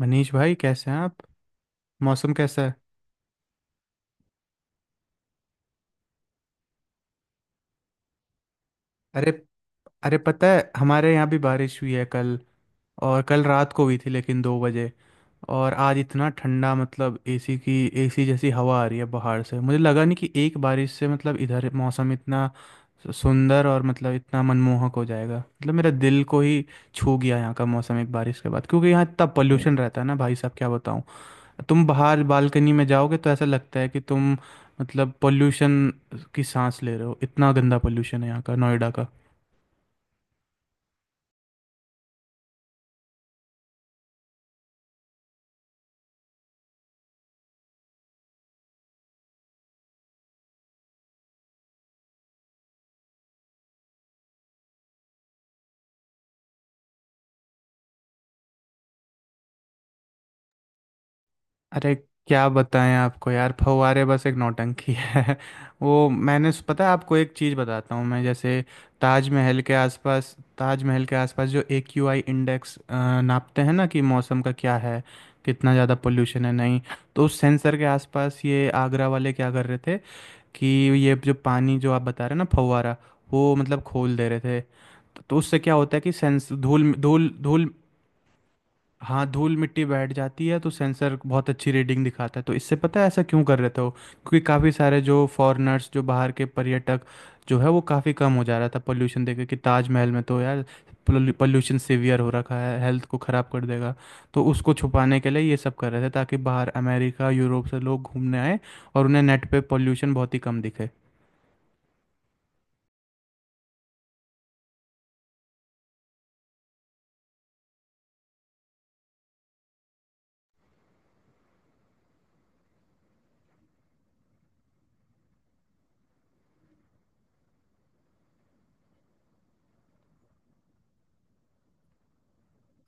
मनीष भाई, कैसे हैं आप? मौसम कैसा है? अरे। अरे, पता है हमारे यहाँ भी बारिश हुई है कल। और कल रात को हुई थी, लेकिन 2 बजे। और आज इतना ठंडा, मतलब एसी जैसी हवा आ रही है बाहर से। मुझे लगा नहीं कि एक बारिश से, मतलब इधर मौसम इतना सुंदर और मतलब इतना मनमोहक हो जाएगा। मतलब मेरा दिल को ही छू गया यहाँ का मौसम एक बारिश के बाद, क्योंकि यहाँ इतना पोल्यूशन रहता है ना भाई साहब, क्या बताऊँ। तुम बाहर बालकनी में जाओगे तो ऐसा लगता है कि तुम मतलब पोल्यूशन की सांस ले रहे हो, इतना गंदा पोल्यूशन है यहाँ का, नोएडा का। अरे, क्या बताएं आपको यार, फव्वारे बस एक नौटंकी है। वो मैंने पता है आपको, एक चीज़ बताता हूँ मैं, जैसे ताजमहल के आसपास, जो ए क्यू आई इंडेक्स नापते हैं ना, कि मौसम का क्या है, कितना ज़्यादा पोल्यूशन है, नहीं। तो उस सेंसर के आसपास ये आगरा वाले क्या कर रहे थे कि, ये जो पानी जो आप बता रहे हैं ना, फव्वारा, वो मतलब खोल दे रहे थे। तो उससे क्या होता है कि सेंस धूल धूल धूल। हाँ, धूल मिट्टी बैठ जाती है तो सेंसर बहुत अच्छी रीडिंग दिखाता है। तो इससे पता है ऐसा क्यों कर रहे थे वो, क्योंकि काफ़ी सारे जो फॉरेनर्स, जो बाहर के पर्यटक जो है, वो काफ़ी कम हो जा रहा था पोल्यूशन देख के कि ताजमहल में तो यार पोल्यूशन सीवियर हो रखा है, हेल्थ को ख़राब कर देगा। तो उसको छुपाने के लिए ये सब कर रहे थे, ताकि बाहर अमेरिका, यूरोप से लोग घूमने आए और उन्हें नेट पे पोल्यूशन बहुत ही कम दिखे।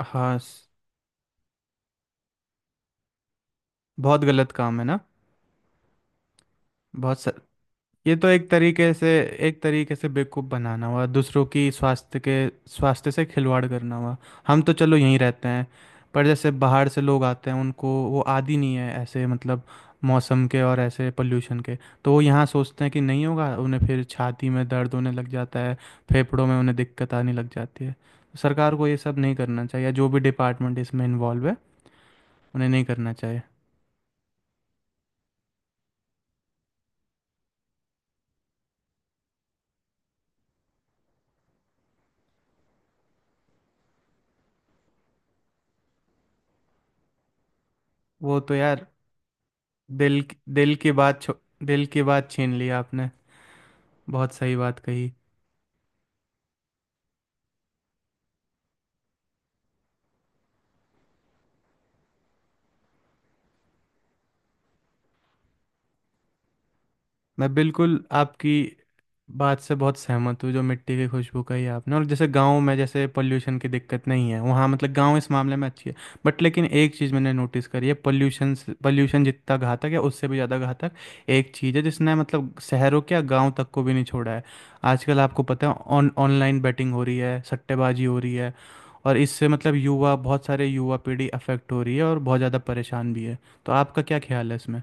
हाँ। बहुत गलत काम है ना। बहुत सर, ये तो एक तरीके से, बेवकूफ़ बनाना हुआ। दूसरों की स्वास्थ्य के स्वास्थ्य से खिलवाड़ करना हुआ। हम तो चलो यहीं रहते हैं, पर जैसे बाहर से लोग आते हैं उनको वो आदी नहीं है, ऐसे मतलब मौसम के और ऐसे पोल्यूशन के। तो वो यहाँ सोचते हैं कि नहीं होगा, उन्हें फिर छाती में दर्द होने लग जाता है, फेफड़ों में उन्हें दिक्कत आने लग जाती है। सरकार को ये सब नहीं करना चाहिए, जो भी डिपार्टमेंट इसमें इन्वॉल्व है उन्हें नहीं करना चाहिए। वो तो यार दिल दिल की बात छो- दिल की बात छीन ली आपने। बहुत सही बात कही। मैं बिल्कुल आपकी बात से बहुत सहमत हूँ, जो मिट्टी की खुशबू कही आपने, और जैसे गांव में, जैसे पोल्यूशन की दिक्कत नहीं है वहाँ, मतलब गांव इस मामले में अच्छी है। बट लेकिन एक चीज़ मैंने नोटिस करी है, पोल्यूशन, जितना घातक है उससे भी ज़्यादा घातक एक चीज़ है, जिसने मतलब शहरों क्या गांव तक को भी नहीं छोड़ा है। आजकल आपको पता है ऑन ऑनलाइन बेटिंग हो रही है, सट्टेबाजी हो रही है। और इससे मतलब युवा, बहुत सारे युवा पीढ़ी अफेक्ट हो रही है और बहुत ज़्यादा परेशान भी है। तो आपका क्या ख्याल है इसमें?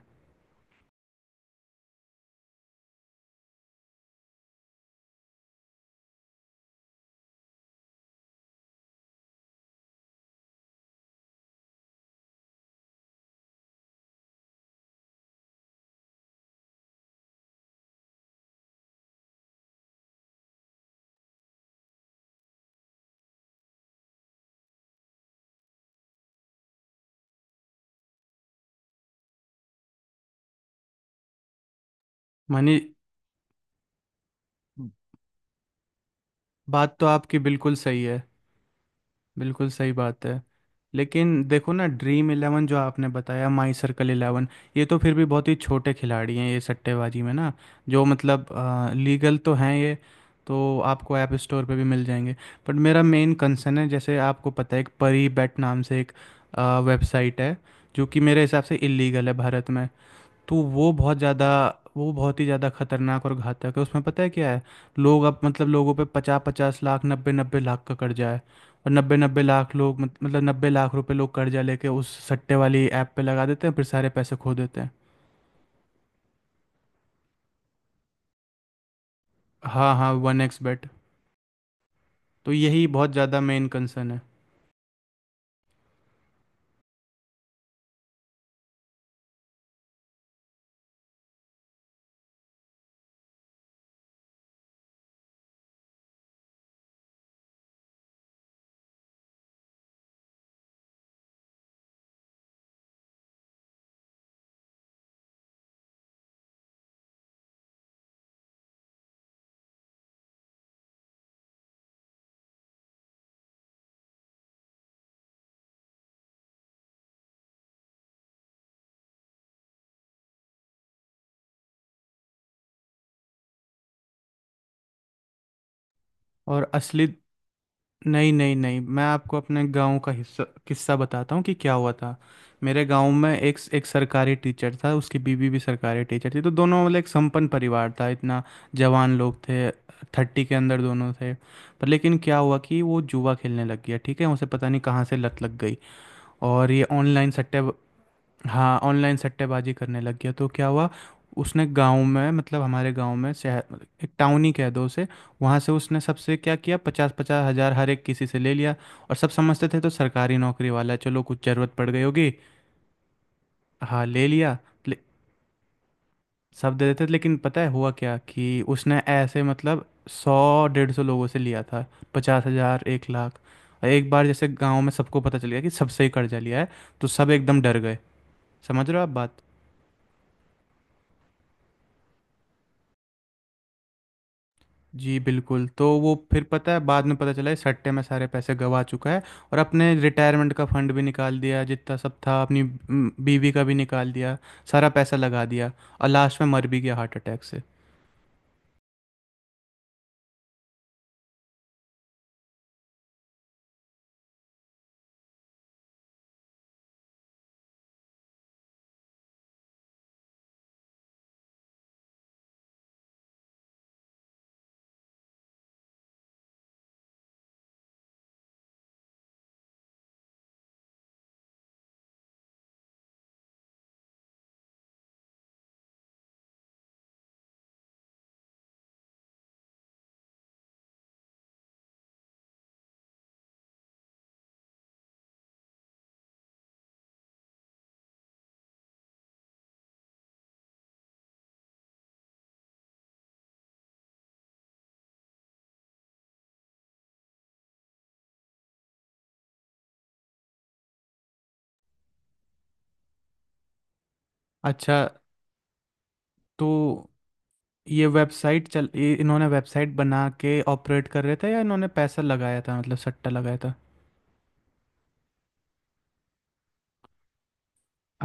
मानिए, बात तो आपकी बिल्कुल सही है। बिल्कुल सही बात है। लेकिन देखो ना, ड्रीम इलेवन जो आपने बताया, माई सर्कल इलेवन, ये तो फिर भी बहुत ही छोटे खिलाड़ी हैं ये सट्टेबाजी में ना। जो मतलब लीगल तो हैं ये, तो आपको ऐप स्टोर पे भी मिल जाएंगे। बट मेरा मेन कंसर्न है, जैसे आपको पता है, एक परी बैट नाम से एक वेबसाइट है जो कि मेरे हिसाब से इलीगल है भारत में। तो वो बहुत ही ज़्यादा खतरनाक और घातक है। उसमें पता है क्या है, लोग अब मतलब लोगों पे 50-50 लाख, 90-90 लाख का कर्जा है। और 90-90 लाख लोग मतलब 90 लाख रुपए लोग कर्जा लेके उस सट्टे वाली ऐप पे लगा देते हैं, फिर सारे पैसे खो देते हैं। हाँ हाँ, वन एक्स बेट। तो यही बहुत ज़्यादा मेन कंसर्न है। और असली नहीं नहीं नहीं, मैं आपको अपने गांव का हिस्सा किस्सा बताता हूँ कि क्या हुआ था। मेरे गांव में एक एक सरकारी टीचर था, उसकी बीवी भी सरकारी टीचर थी। तो दोनों मतलब एक संपन्न परिवार था इतना। जवान लोग थे, 30 के अंदर दोनों थे। पर लेकिन क्या हुआ कि वो जुआ खेलने लग गया, ठीक है। उसे पता नहीं कहाँ से लत लग गई। और ये ऑनलाइन सट्टे, हाँ, ऑनलाइन सट्टेबाजी करने लग गया। तो क्या हुआ, उसने गांव में मतलब हमारे गांव में, शहर मतलब एक टाउन ही कह दो उसे, वहाँ से उसने सबसे क्या किया, 50-50 हज़ार हर एक किसी से ले लिया। और सब समझते थे तो सरकारी नौकरी वाला है, चलो कुछ ज़रूरत पड़ गई होगी। हाँ, ले लिया। ले, सब दे देते थे, लेकिन पता है हुआ क्या कि उसने ऐसे मतलब 100-150 लोगों से लिया था, 50 हज़ार, 1 लाख। और एक बार जैसे गांव में सबको पता चल गया कि सबसे ही कर्जा लिया है, तो सब एकदम डर गए। समझ रहे हो आप बात? जी बिल्कुल। तो वो फिर पता है बाद में पता चला इस सट्टे में सारे पैसे गवा चुका है, और अपने रिटायरमेंट का फंड भी निकाल दिया, जितना सब था। अपनी बीवी का भी निकाल दिया, सारा पैसा लगा दिया। और लास्ट में मर भी गया हार्ट अटैक से। अच्छा। तो ये इन्होंने वेबसाइट बना के ऑपरेट कर रहे थे, या इन्होंने पैसा लगाया था, मतलब सट्टा लगाया था?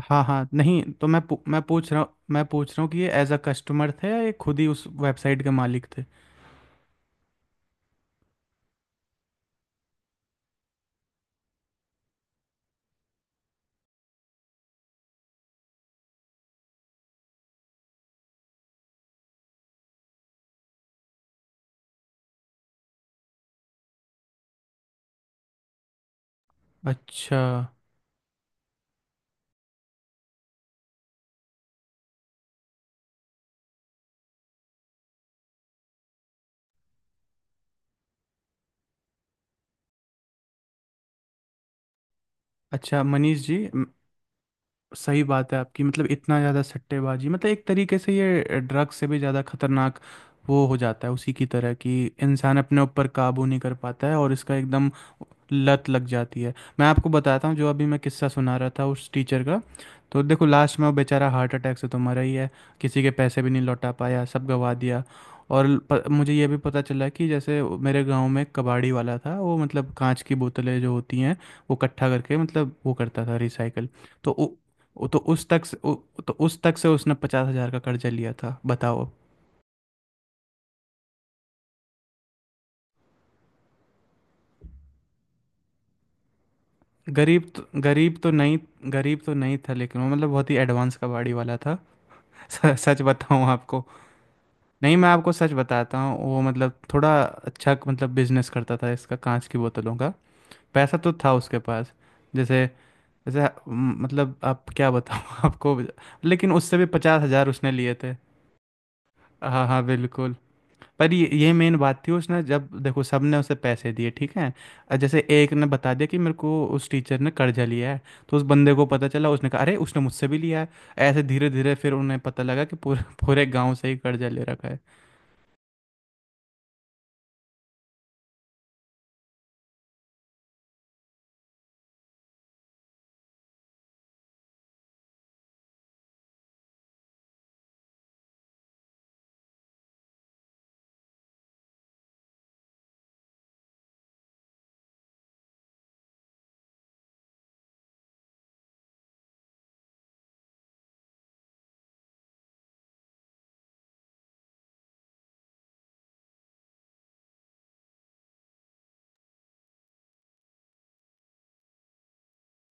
हाँ हाँ। नहीं तो मैं पूछ रहा हूँ कि ये एज अ कस्टमर थे या ये खुद ही उस वेबसाइट के मालिक थे? अच्छा। अच्छा मनीष जी, सही बात है आपकी, मतलब इतना ज़्यादा सट्टेबाजी, मतलब एक तरीके से ये ड्रग से भी ज़्यादा खतरनाक वो हो जाता है, उसी की तरह कि इंसान अपने ऊपर काबू नहीं कर पाता है और इसका एकदम लत लग जाती है। मैं आपको बताता हूँ, जो अभी मैं किस्सा सुना रहा था उस टीचर का, तो देखो लास्ट में वो बेचारा हार्ट अटैक से तो मरा ही है, किसी के पैसे भी नहीं लौटा पाया, सब गवा दिया। और मुझे ये भी पता चला कि जैसे मेरे गांव में एक कबाड़ी वाला था, वो मतलब कांच की बोतलें जो होती हैं वो इकट्ठा करके मतलब वो करता था रिसाइकल। तो उ, उ- तो उस तक से उ, तो उस तक से उसने 50 हज़ार का कर्जा लिया था, बताओ। गरीब तो गरीब तो नहीं गरीब तो नहीं था, लेकिन वो मतलब बहुत ही एडवांस कबाड़ी वाला था। सच बताऊं आपको, नहीं मैं आपको सच बताता हूँ, वो मतलब थोड़ा अच्छा मतलब बिजनेस करता था इसका, कांच की बोतलों का, पैसा तो था उसके पास। जैसे जैसे मतलब आप क्या बताऊँ आपको, लेकिन उससे भी 50 हजार उसने लिए थे। हाँ हाँ बिल्कुल। पर ये मेन बात थी, उसने जब देखो सबने उसे पैसे दिए, ठीक है। जैसे एक ने बता दिया कि मेरे को उस टीचर ने कर्जा लिया है, तो उस बंदे को पता चला, उसने कहा अरे उसने मुझसे भी लिया है। ऐसे धीरे धीरे फिर उन्हें पता लगा कि पूरे पूरे गांव से ही कर्जा ले रखा है।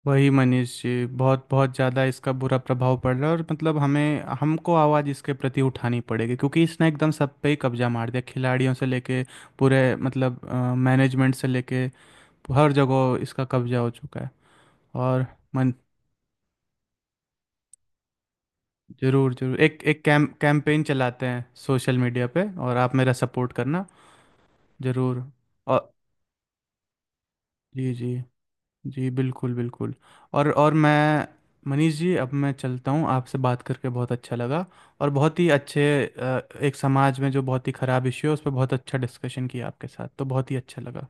वही मनीष जी, बहुत बहुत ज़्यादा इसका बुरा प्रभाव पड़ रहा है। और मतलब हमें हमको आवाज़ इसके प्रति उठानी पड़ेगी, क्योंकि इसने एकदम सब पे ही कब्जा मार दिया, खिलाड़ियों से लेके पूरे मतलब मैनेजमेंट से लेके हर जगह इसका कब्जा हो चुका है। और मन जरूर जरूर, एक एक कैम कैंपेन चलाते हैं सोशल मीडिया पे, और आप मेरा सपोर्ट करना। जरूर। और जी जी, जी बिल्कुल बिल्कुल। और मैं मनीष जी, अब मैं चलता हूँ, आपसे बात करके बहुत अच्छा लगा। और बहुत ही अच्छे, एक समाज में जो बहुत ही ख़राब इश्यू है उस पर बहुत अच्छा डिस्कशन किया आपके साथ, तो बहुत ही अच्छा लगा।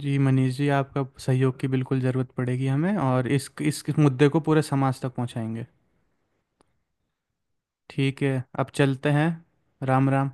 जी मनीष जी, आपका सहयोग की बिल्कुल ज़रूरत पड़ेगी हमें, और इस मुद्दे को पूरे समाज तक पहुँचाएंगे। ठीक है, अब चलते हैं। राम राम।